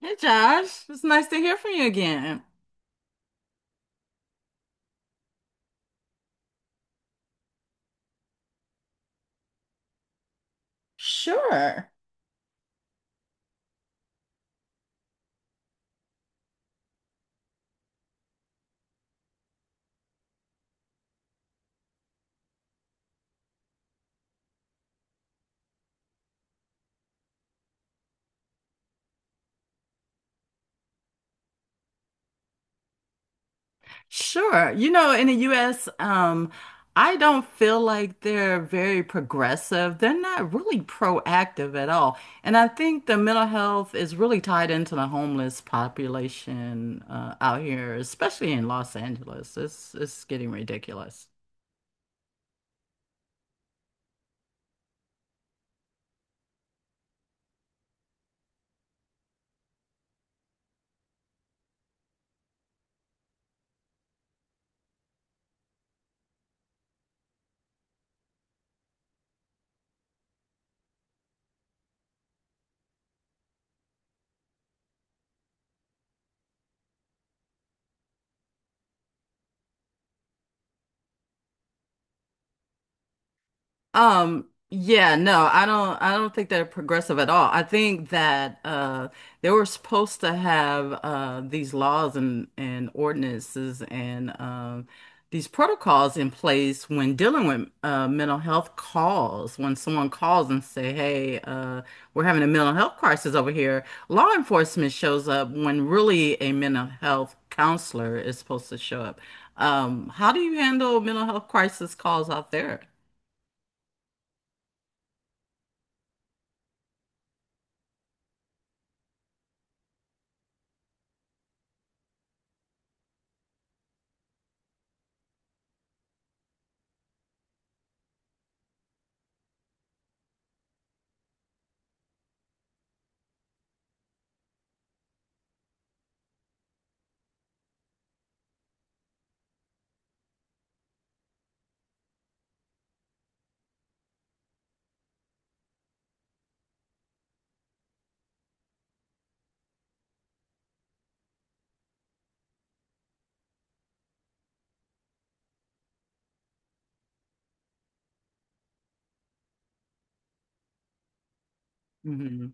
Hey Josh, it's nice to hear from you again. Sure. Sure. You know, in the US, I don't feel like they're very progressive. They're not really proactive at all. And I think the mental health is really tied into the homeless population out here, especially in Los Angeles. It's getting ridiculous. Yeah, no, I don't think they're progressive at all. I think that they were supposed to have these laws and ordinances and these protocols in place when dealing with mental health calls. When someone calls and say, "Hey, we're having a mental health crisis over here." Law enforcement shows up when really a mental health counselor is supposed to show up. How do you handle mental health crisis calls out there? Mhm.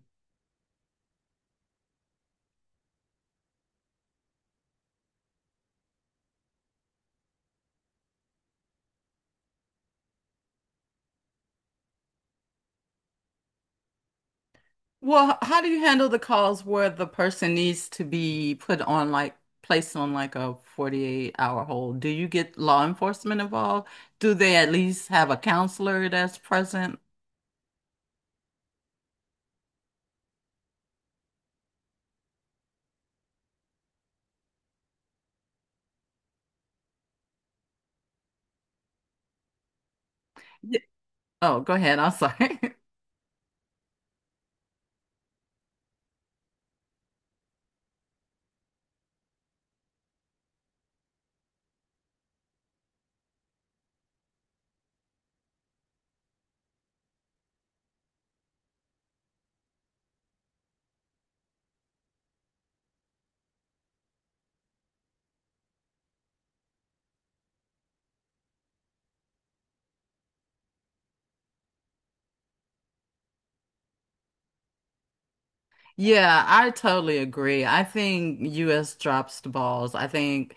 Well, how do you handle the calls where the person needs to be put on placed on like a 48-hour hold? Do you get law enforcement involved? Do they at least have a counselor that's present? Y- Oh, go ahead. I'm sorry. Yeah, I totally agree. I think US drops the balls. I think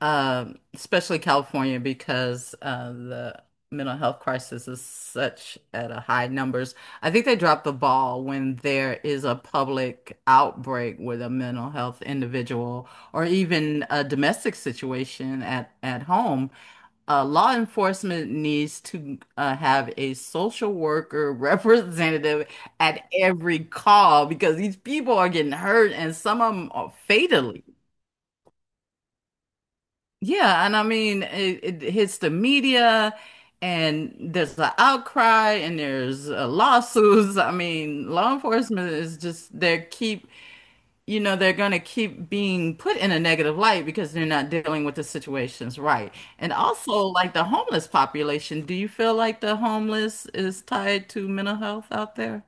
especially California because the mental health crisis is such at a high numbers. I think they drop the ball when there is a public outbreak with a mental health individual or even a domestic situation at home, law enforcement needs to have a social worker representative at every call because these people are getting hurt and some of them are fatally. Yeah, and I mean, it hits the media and there's an outcry and there's lawsuits. I mean, law enforcement is just they keep, you know, they're going to keep being put in a negative light because they're not dealing with the situations right. And also, like the homeless population, do you feel like the homeless is tied to mental health out there?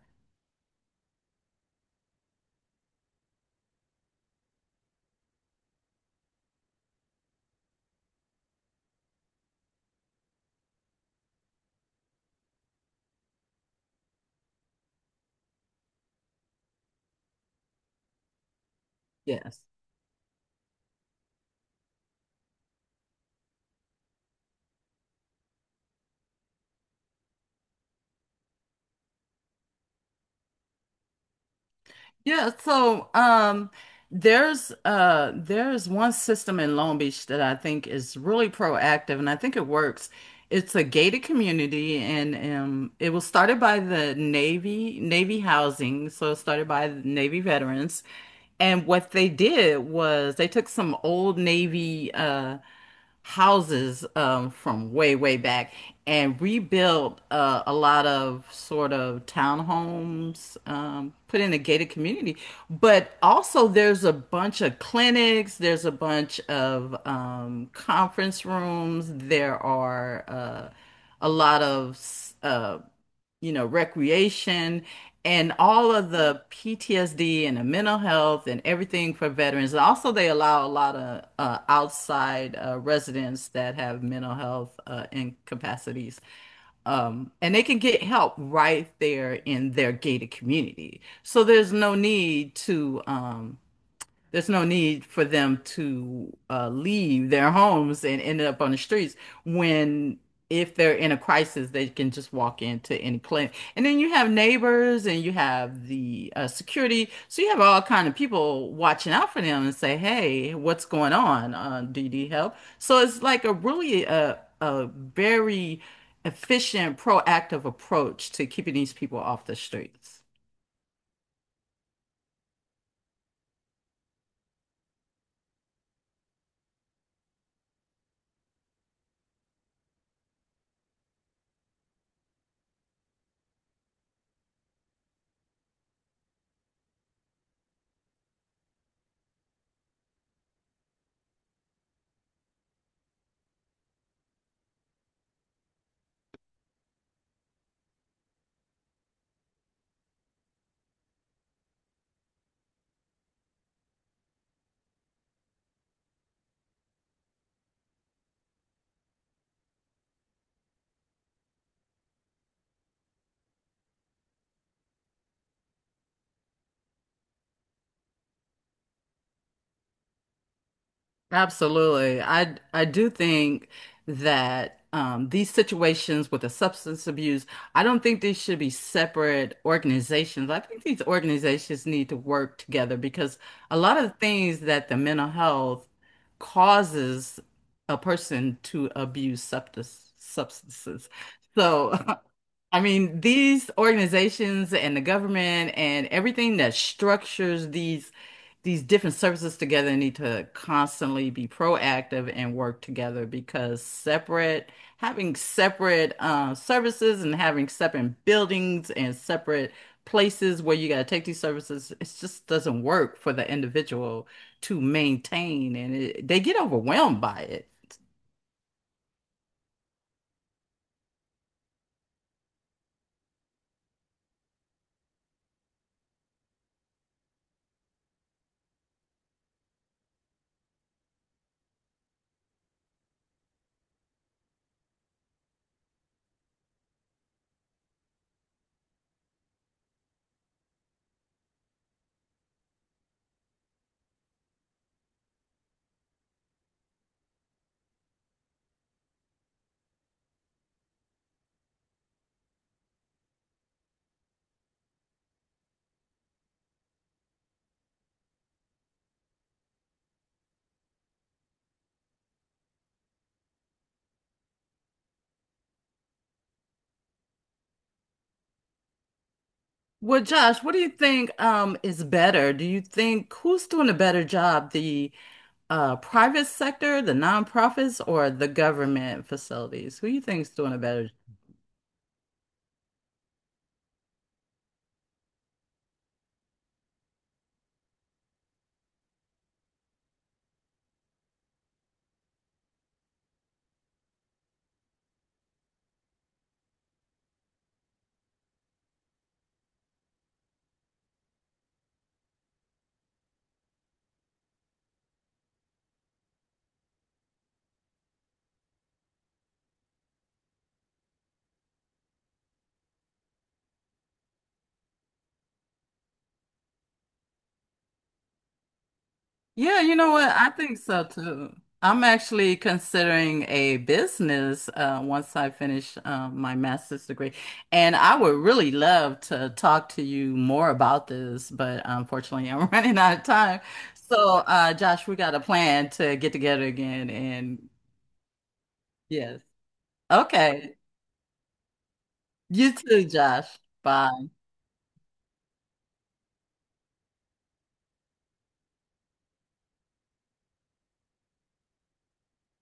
Yes. Yeah, so there's one system in Long Beach that I think is really proactive and I think it works. It's a gated community, and it was started by the Navy, Navy housing, so it started by the Navy veterans. And what they did was they took some old Navy houses from way, way back and rebuilt a lot of sort of townhomes, put in a gated community. But also, there's a bunch of clinics, there's a bunch of conference rooms, there are a lot of you know, recreation and all of the PTSD and the mental health and everything for veterans. And also, they allow a lot of outside residents that have mental health incapacities. And they can get help right there in their gated community. So there's no need to there's no need for them to leave their homes and end up on the streets when, if they're in a crisis, they can just walk into any clinic. And then you have neighbors and you have the security. So you have all kind of people watching out for them and say, hey, what's going on? Do you need help? So it's like a really a very efficient, proactive approach to keeping these people off the streets. Absolutely. I do think that these situations with the substance abuse, I don't think these should be separate organizations. I think these organizations need to work together because a lot of the things that the mental health causes a person to abuse substances. So, I mean, these organizations and the government and everything that structures these different services together need to constantly be proactive and work together because separate, having separate services and having separate buildings and separate places where you got to take these services, it just doesn't work for the individual to maintain and it, they get overwhelmed by it. Well, Josh, what do you think is better? Do you think who's doing a better job, the private sector, the nonprofits, or the government facilities? Who you think's doing a better? Yeah, you know what? I think so too. I'm actually considering a business once I finish my master's degree, and I would really love to talk to you more about this, but unfortunately, I'm running out of time. So, Josh, we got a plan to get together again, and yes, okay. You too, Josh. Bye.